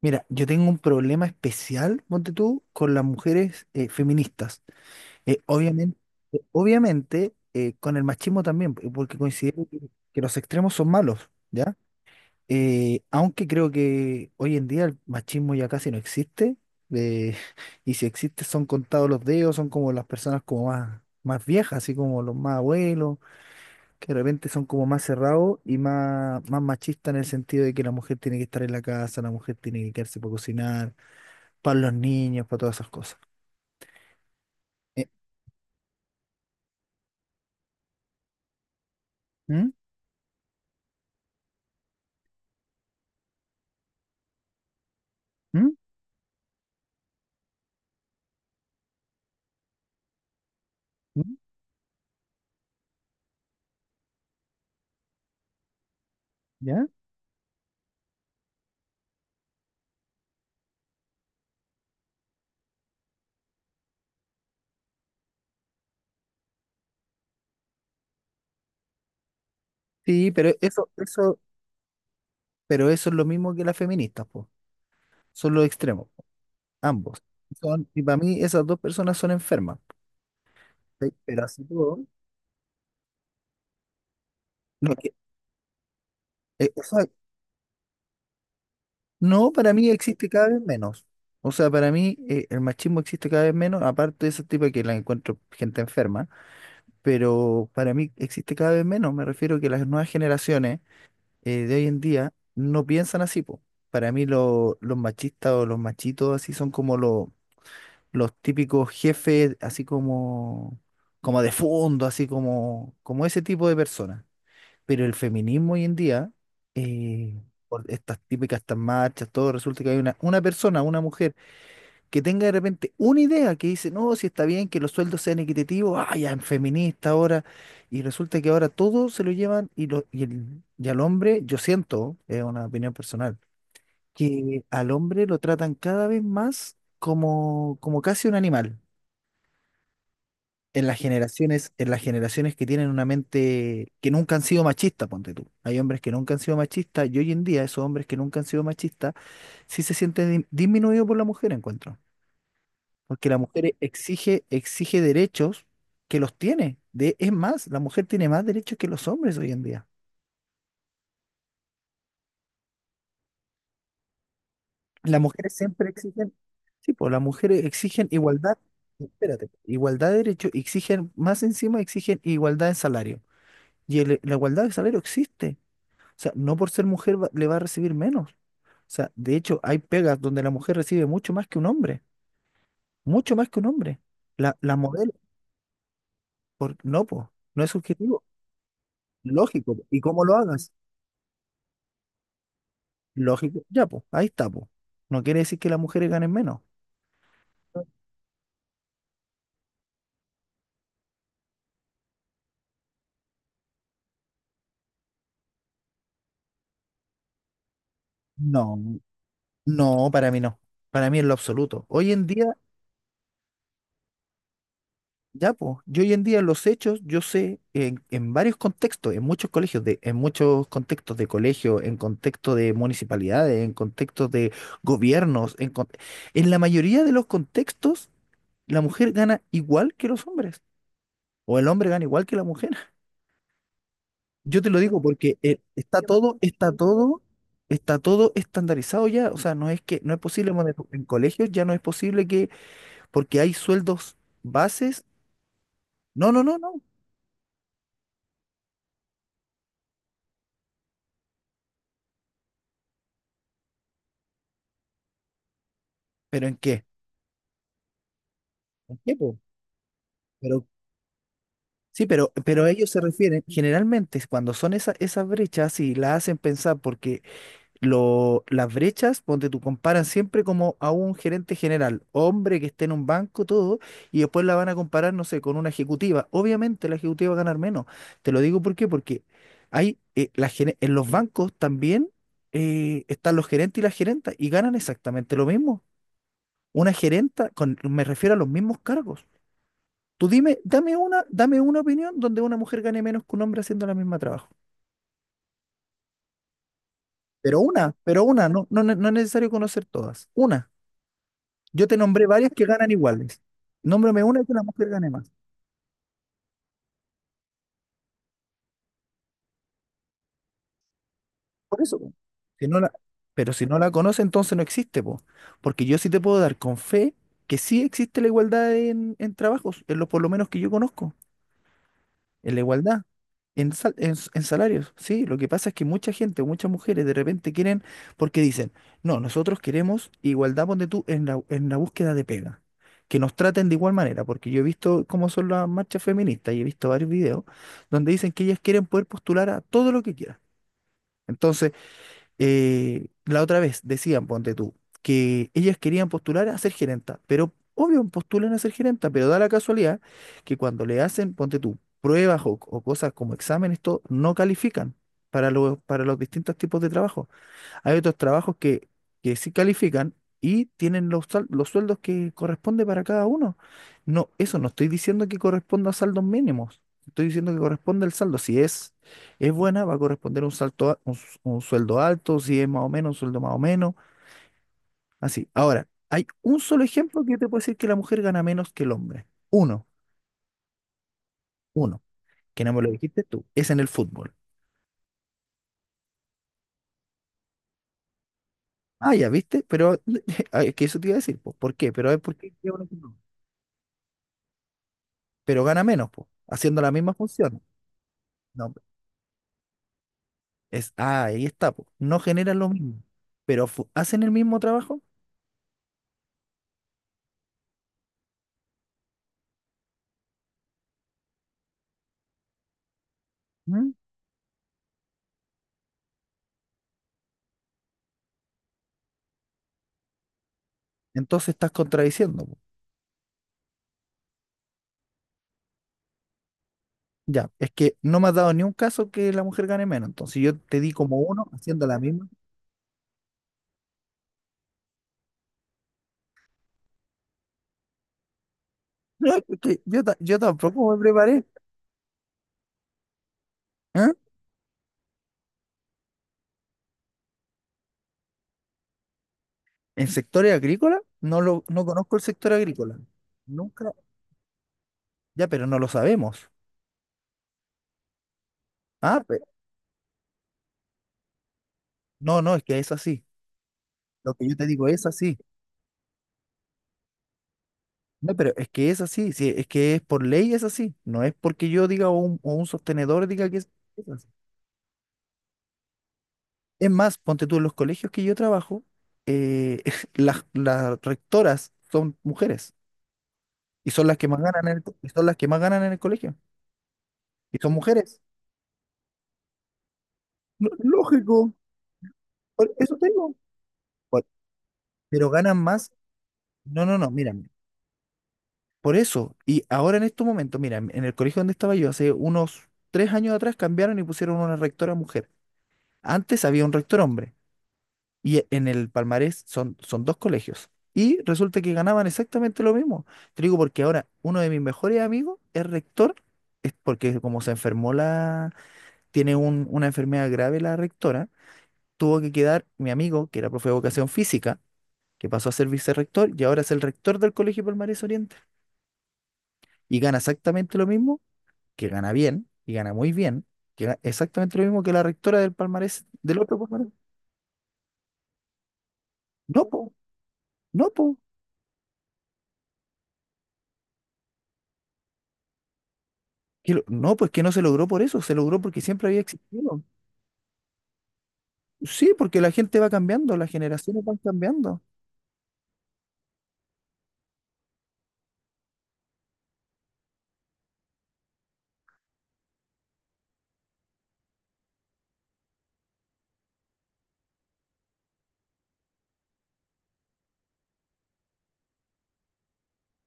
Mira, yo tengo un problema especial, ponte tú, con las mujeres feministas. Eh, obviamente, obviamente, con el machismo también, porque considero que los extremos son malos, ¿ya? Aunque creo que hoy en día el machismo ya casi no existe, eh, y si existe son contados los dedos, son como las personas como más viejas, así como los más abuelos, que de repente son como más cerrados y más machistas en el sentido de que la mujer tiene que estar en la casa, la mujer tiene que quedarse para cocinar para los niños, para todas esas cosas. Eh, ¿Mm? ¿Mm? ¿Mm? ¿Ya? Sí, pero eso es lo mismo que las feministas, po. Son los extremos, po, ambos. Son, y para mí esas dos personas son enfermas. ¿Cachai? Pero así todo, no, que- eh, o sea, no, para mí existe cada vez menos. O sea, para mí el machismo existe cada vez menos, aparte de ese tipo que la encuentro gente enferma, pero para mí existe cada vez menos. Me refiero que las nuevas generaciones de hoy en día no piensan así, po. Para mí los machistas o los machitos así son como los típicos jefes, así como, como de fondo, así como, como ese tipo de personas. Pero el feminismo hoy en día, eh, por estas típicas, estas marchas, todo resulta que hay una persona, una mujer que tenga de repente una idea que dice, no, si está bien que los sueldos sean equitativos, ah, ya en feminista ahora, y resulta que ahora todo se lo llevan y al hombre, yo siento, es una opinión personal, que al hombre lo tratan cada vez más como, como casi un animal. En las generaciones que tienen una mente que nunca han sido machistas, ponte tú. Hay hombres que nunca han sido machistas y hoy en día esos hombres que nunca han sido machistas sí se sienten disminuidos por la mujer, encuentro. Porque la mujer exige derechos que los tiene. De, es más, la mujer tiene más derechos que los hombres hoy en día. Las mujeres siempre exigen, sí, pues las mujeres exigen igualdad, espérate, igualdad de derechos, exigen, más encima exigen igualdad en salario. La igualdad de salario existe. O sea, no por ser mujer le va a recibir menos. O sea, de hecho, hay pegas donde la mujer recibe mucho más que un hombre, mucho más que un hombre. La modelo, por, no, pues, no es subjetivo, lógico. ¿Y cómo lo hagas? Lógico. Ya, pues, ahí está, pues. No quiere decir que las mujeres ganen menos. No, no, para mí no. Para mí en lo absoluto. Hoy en día, ya, pues, yo hoy en día en los hechos, yo sé en varios contextos, en muchos colegios, de, en muchos contextos de colegio, en contexto de municipalidades, en contextos de gobiernos, en la mayoría de los contextos, la mujer gana igual que los hombres, o el hombre gana igual que la mujer. Yo te lo digo porque está todo estandarizado ya. O sea, no es que no es posible bueno, en colegios ya no es posible que porque hay sueldos bases. No. ¿Pero en qué? ¿En qué, po? Pero sí, pero ellos se refieren generalmente cuando son esas brechas y la hacen pensar porque las brechas, donde tú comparan siempre como a un gerente general, hombre que esté en un banco, todo, y después la van a comparar, no sé, con una ejecutiva. Obviamente la ejecutiva va a ganar menos. Te lo digo ¿por qué? Porque hay, en los bancos también están los gerentes y las gerentas y ganan exactamente lo mismo. Una gerenta, con, me refiero a los mismos cargos. Tú dime, dame una opinión donde una mujer gane menos que un hombre haciendo la misma trabajo. Pero una, no, no es necesario conocer todas. Una. Yo te nombré varias que ganan iguales. Nómbrame una que la mujer gane más. Por eso, po. Si no la, pero si no la conoce, entonces no existe, po. Porque yo sí te puedo dar con fe que sí existe la igualdad en trabajos, en lo por lo menos que yo conozco. En la igualdad, en salarios, sí. Lo que pasa es que mucha gente, muchas mujeres de repente quieren, porque dicen, no, nosotros queremos igualdad, ponte tú, en la búsqueda de pega. Que nos traten de igual manera, porque yo he visto cómo son las marchas feministas y he visto varios videos donde dicen que ellas quieren poder postular a todo lo que quieran. Entonces, la otra vez decían, ponte tú, que ellas querían postular a ser gerenta, pero obvio postulan a ser gerenta, pero da la casualidad que cuando le hacen, ponte tú, pruebas o cosas como exámenes, todo, no califican para los distintos tipos de trabajo. Hay otros trabajos que sí califican y tienen los sueldos que corresponde para cada uno. No, eso no estoy diciendo que corresponda a saldos mínimos. Estoy diciendo que corresponde al saldo. Si es, es buena, va a corresponder un salto, a- un, s- un sueldo alto, si es más o menos, un sueldo más o menos. Así. Ahora, hay un solo ejemplo que yo te puedo decir que la mujer gana menos que el hombre. Uno, que no me lo dijiste tú, es en el fútbol. Ah, ya, ¿viste? Pero es que eso te iba a decir, pues, ¿por qué? Pero es porque… pero gana menos, po, haciendo la misma función. No, es, ah, ahí está, po. No generan lo mismo, pero hacen el mismo trabajo. ¿Mm? Entonces estás contradiciendo, po. Ya, es que no me has dado ni un caso que la mujer gane menos. Entonces yo te di como uno haciendo la misma. No, es que yo tampoco me preparé. ¿Ah? ¿En sectores agrícolas? No conozco el sector agrícola. Nunca. Ya, pero no lo sabemos. Ah, pe- no, es que es así. Lo que yo te digo es así. No, pero es que es así, sí, es que es por ley es así, no es porque yo diga o un sostenedor diga que es así. Es más, ponte tú en los colegios que yo trabajo, eh, las rectoras son mujeres y son las que más ganan y son las que más ganan en el colegio y son mujeres. Lógico, por eso tengo. Por- pero ganan más. No, mira, mira, por eso. Y ahora en estos momentos, mira, en el colegio donde estaba yo hace unos 3 años atrás cambiaron y pusieron una rectora mujer. Antes había un rector hombre. Y e, en el palmarés son, son dos colegios. Y resulta que ganaban exactamente lo mismo. Te digo porque ahora uno de mis mejores amigos es rector, es porque como se enfermó la, tiene una enfermedad grave la rectora, tuvo que quedar mi amigo, que era profe de educación física, que pasó a ser vicerrector y ahora es el rector del Colegio Palmarés Oriente. Y gana exactamente lo mismo, que gana bien, y gana muy bien, que gana exactamente lo mismo que la rectora del Palmarés, del otro Palmarés. No, po, no, po. No, pues que no se logró por eso, se logró porque siempre había existido. Sí, porque la gente va cambiando, las generaciones van cambiando.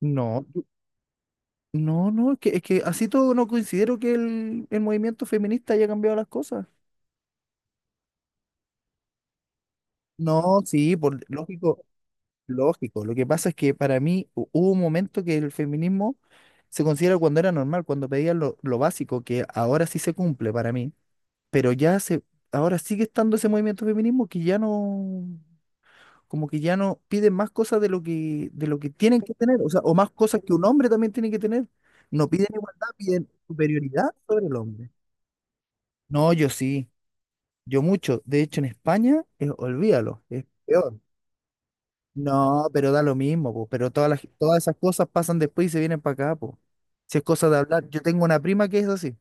No, yo- no, no, es que así todo no considero que el movimiento feminista haya cambiado las cosas. No, sí, por lógico, lógico. Lo que pasa es que para mí hubo un momento que el feminismo se considera cuando era normal, cuando pedían lo básico, que ahora sí se cumple para mí, pero ya se, ahora sigue estando ese movimiento feminismo que ya no. Como que ya no piden más cosas de lo que tienen que tener, o sea, o más cosas que un hombre también tiene que tener. No piden igualdad, piden superioridad sobre el hombre. No, yo sí, yo mucho. De hecho, en España, olvídalo, es peor. No, pero da lo mismo, po, pero todas esas cosas pasan después y se vienen para acá, po. Si es cosa de hablar, yo tengo una prima que es así.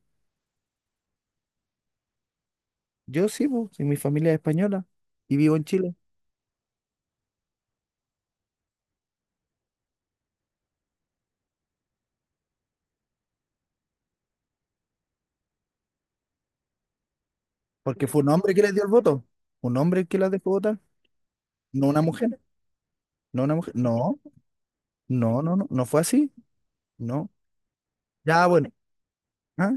Yo sí, po, si mi familia es española y vivo en Chile, porque fue un hombre que les dio el voto, un hombre que las dejó votar, no una mujer, no una mujer, no. No, fue así, no. Ya, bueno, ah,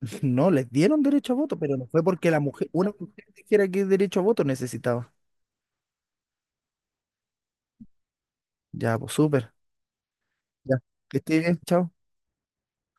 no, les dieron derecho a voto, pero no fue porque la mujer, una mujer dijera que derecho a voto necesitaba. Ya, pues súper. Ya, que esté bien, chao.